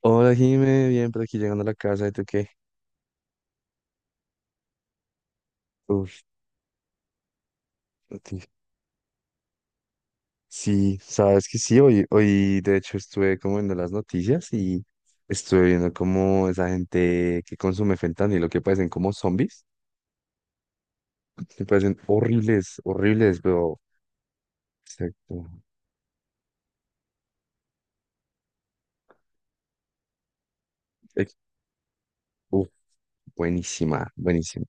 Hola, Jime, bien, por aquí llegando a la casa, ¿y tú qué? Uf, noti- sí, sabes que sí, hoy de hecho estuve como viendo las noticias y estuve viendo como esa gente que consume fentanilo, que parecen como zombies, que parecen horribles, horribles, pero exacto, ex- uf, buenísima, buenísima.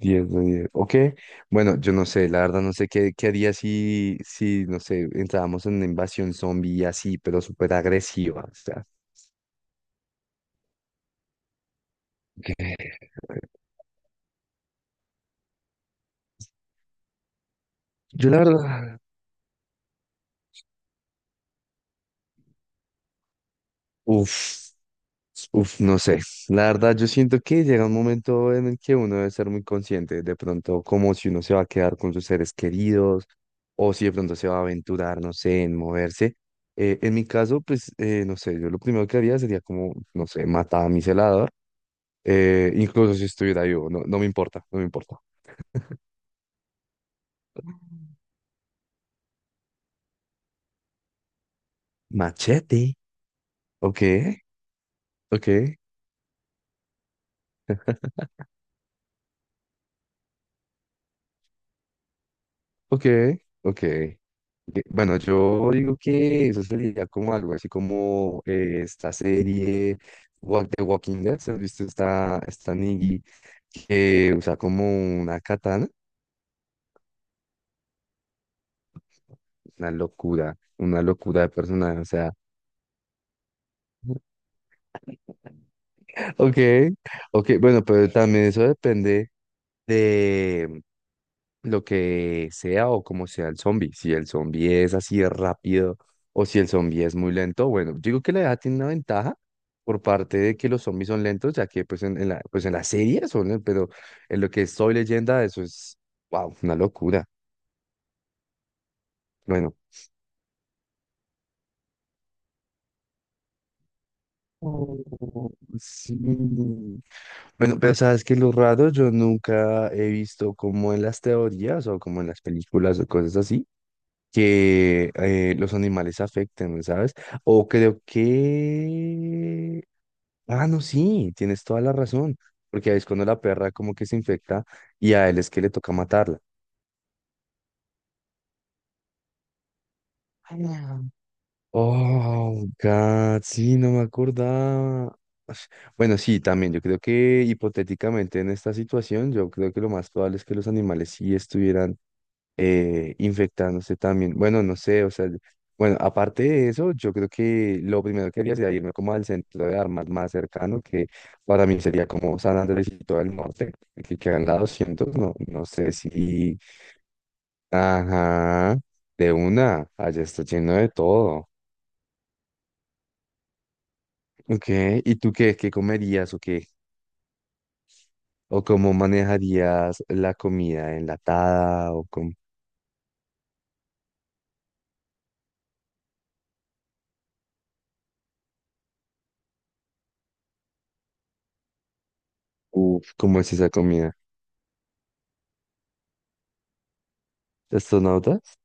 10 de 10. Ok, bueno, yo no sé, la verdad no sé qué haría no sé, entrábamos en una invasión zombie así, pero súper agresiva, o sea. Yo la verdad, uff, no sé. La verdad, yo siento que llega un momento en el que uno debe ser muy consciente, de pronto como si uno se va a quedar con sus seres queridos o si de pronto se va a aventurar, no sé, en moverse. En mi caso, pues, no sé, yo lo primero que haría sería como, no sé, matar a mi celador, incluso si estuviera vivo, no, no me importa, no me importa. Machete, ok, ok. Ok, ok. Ok, bueno, yo digo que eso sería como algo así como esta serie Walk the Walking Dead. ¿Has visto esta, esta Negan que usa como una katana? Una locura de personaje. O sea, ok, ok. Bueno, pero también eso depende lo que sea o como sea el zombie. Si el zombie es así de rápido o si el zombie es muy lento, bueno, digo que la edad tiene una ventaja por parte de que los zombies son lentos, ya que pues pues en la serie son, len- pero en lo que estoy leyenda, eso es, wow, una locura. Bueno. Oh, sí. Bueno, pero sabes que lo raro, yo nunca he visto como en las teorías o como en las películas o cosas así. Que los animales afecten, ¿sabes? O creo que... Ah, no, sí, tienes toda la razón, porque ahí es cuando la perra como que se infecta y a él es que le toca matarla. Ah. Oh, God, sí, no me acordaba. Ash, bueno, sí, también, yo creo que hipotéticamente en esta situación, yo creo que lo más probable es que los animales sí estuvieran infectándose también. Bueno, no sé, o sea, bueno, aparte de eso, yo creo que lo primero que haría sería irme como al centro de armas más cercano, que para mí sería como San Andrés y todo el norte, que quedan la 200 no, no sé si... Ajá, de una, allá está lleno de todo. Ok, ¿y tú qué, qué comerías o qué? ¿O cómo manejarías la comida enlatada? ¿O cómo, uf, cómo es esa comida? ¿Astronautas?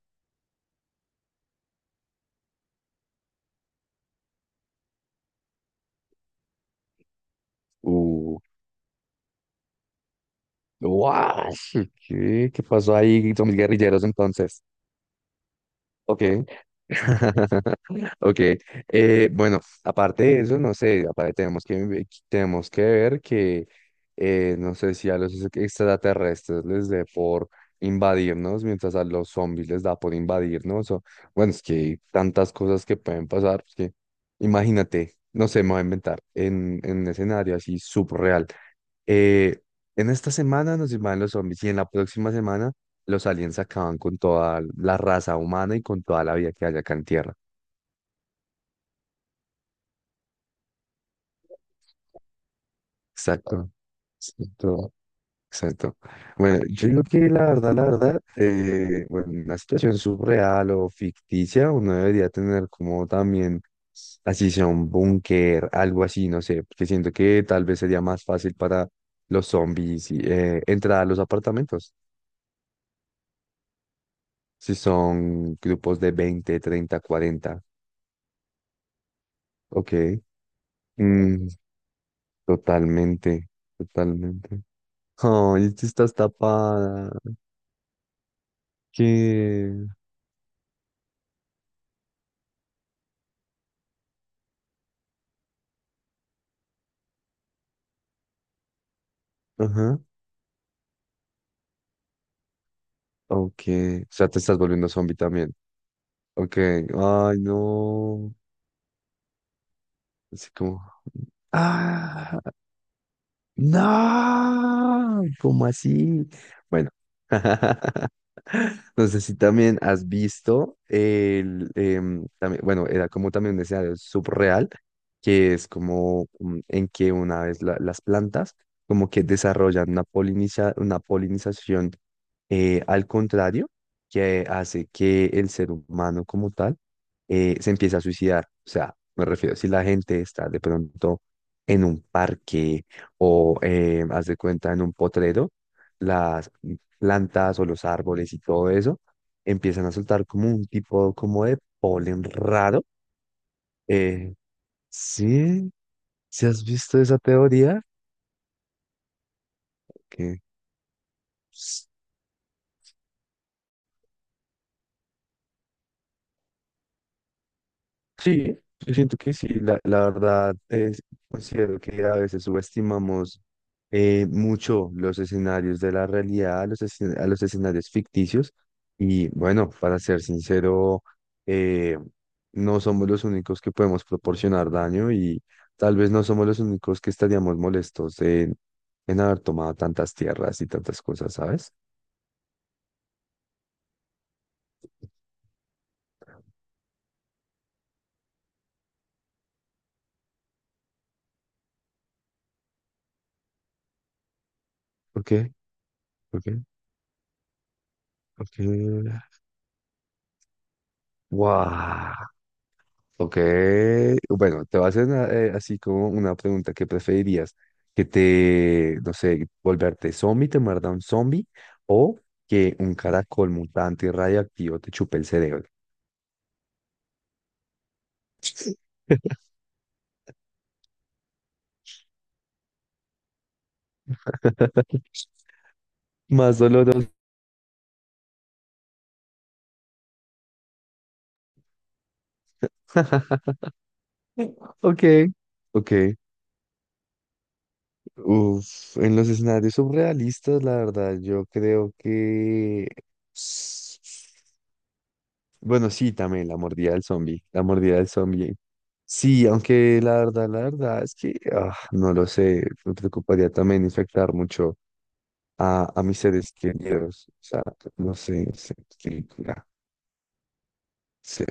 Guau, sí, ¿qué? ¿Qué pasó ahí? Con mis guerrilleros entonces. Ok. Ok. Bueno, aparte de eso, no sé, aparte tenemos que ver que, no sé si a los extraterrestres les dé por invadirnos, mientras a los zombies les da por invadirnos. O, bueno, es que hay tantas cosas que pueden pasar, pues que imagínate, no sé, me voy a inventar, en un escenario así subreal. Eh, en esta semana nos invaden los zombies y en la próxima semana los aliens acaban con toda la raza humana y con toda la vida que haya acá en Tierra. Exacto. Exacto. Exacto. Bueno, yo creo que la verdad, bueno, una situación surreal o ficticia, uno debería tener como también, así sea un búnker, algo así, no sé, porque siento que tal vez sería más fácil para los zombies y, entrar a los apartamentos. Si son grupos de 20 30 40. Ok. Mm, totalmente, totalmente. Ay, tú estás tapada. ¿Qué? Ajá. Ok. O sea, te estás volviendo zombie también. Ok. Ay, no. Así como. Ah. No, ¿cómo así? Bueno, no sé si también has visto el, también- bueno, era como también un escenario subreal, que es como mm, en que una vez la- las plantas como que desarrollan una poliniza- una polinización al contrario, que hace que el ser humano como tal se empiece a suicidar. O sea, me refiero, si la gente está de pronto en un parque o haz de cuenta en un potrero, las plantas o los árboles y todo eso empiezan a soltar como un tipo como de polen raro. Eh, sí, ¿si has visto esa teoría? Que pues, sí, yo siento que sí, la verdad es, considero que a veces subestimamos mucho los escenarios de la realidad a los, escen- a los escenarios ficticios y bueno, para ser sincero, eh, no somos los únicos que podemos proporcionar daño y tal vez no somos los únicos que estaríamos molestos en haber tomado tantas tierras y tantas cosas, ¿sabes? ¿Por qué? ¿Por qué? ¿Por qué? ¡Wow! Ok, bueno, te voy a hacer una, así como una pregunta, ¿qué preferirías? ¿Que te, no sé, volverte zombie, te muerda un zombie o que un caracol mutante y radioactivo te chupe el cerebro? Más doloroso. Ok, ok. Uf, en los escenarios surrealistas, la verdad, yo creo que... Bueno, sí, también la mordida del zombie. La mordida del zombie. Sí, aunque la verdad es que ah, no lo sé, me preocuparía también infectar mucho a mis seres queridos. O sea, no sé, sé que- ya, sé.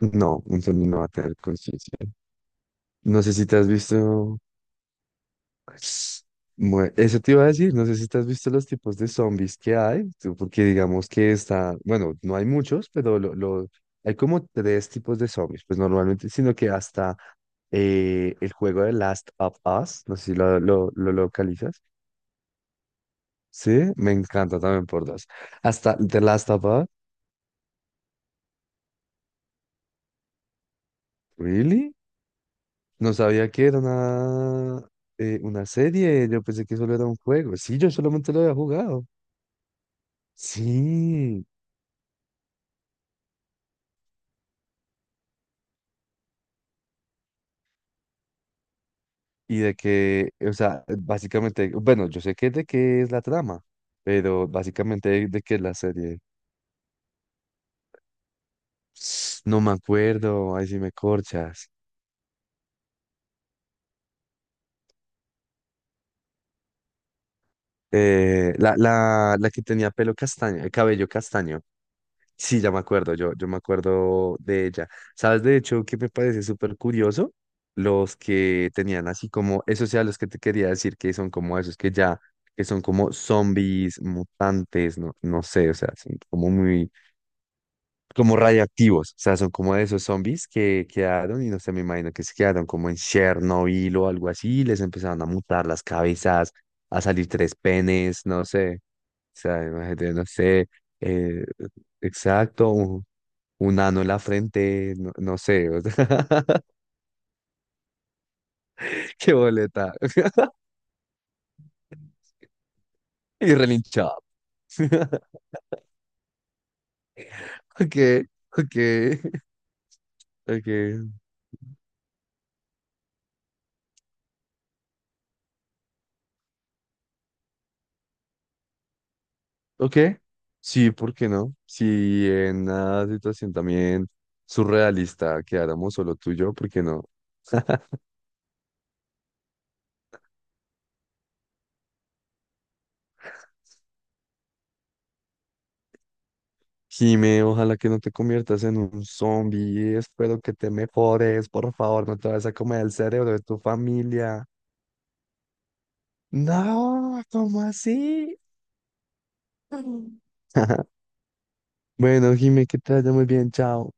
No, entonces no va a tener conciencia. No sé si te has visto. Bueno, eso te iba a decir, no sé si te has visto los tipos de zombies que hay, tú, porque digamos que está, bueno, no hay muchos, pero lo- hay como 3 tipos de zombies, pues normalmente, sino que hasta el juego de Last of Us, no sé si lo localizas, sí, me encanta también por dos. Hasta The Last of Us, ¿really? No sabía que era una serie, yo pensé que solo era un juego, sí, yo solamente lo había jugado, sí. Y de que, o sea, básicamente, bueno, yo sé que de qué es la trama, pero básicamente de qué es la serie. No me acuerdo, ahí sí me corchas. La que tenía pelo castaño, cabello castaño. Sí, ya me acuerdo, yo me acuerdo de ella. ¿Sabes de hecho que me parece súper curioso? Los que tenían así como, esos sea los que te quería decir que son como esos que ya, que son como zombies, mutantes, no, no sé, o sea, son como muy como radioactivos, o sea, son como de esos zombies que quedaron y no sé, me imagino que se quedaron como en Chernobyl o algo así, y les empezaron a mutar las cabezas, a salir 3 penes, no sé, o sea, imagínate, no sé, eh, exacto, un ano en la frente, no, no sé, o sea, qué boleta, y relinchado. Ok, ok, ok. Ok, sí, ¿por qué no? Si en una situación también surrealista quedáramos solo tú y yo, ¿por qué no? Jime, ojalá que no te conviertas en un zombie, espero que te mejores, por favor, no te vas a comer el cerebro de tu familia. No, ¿cómo así? Bueno, Jime, que te vaya muy bien, chao.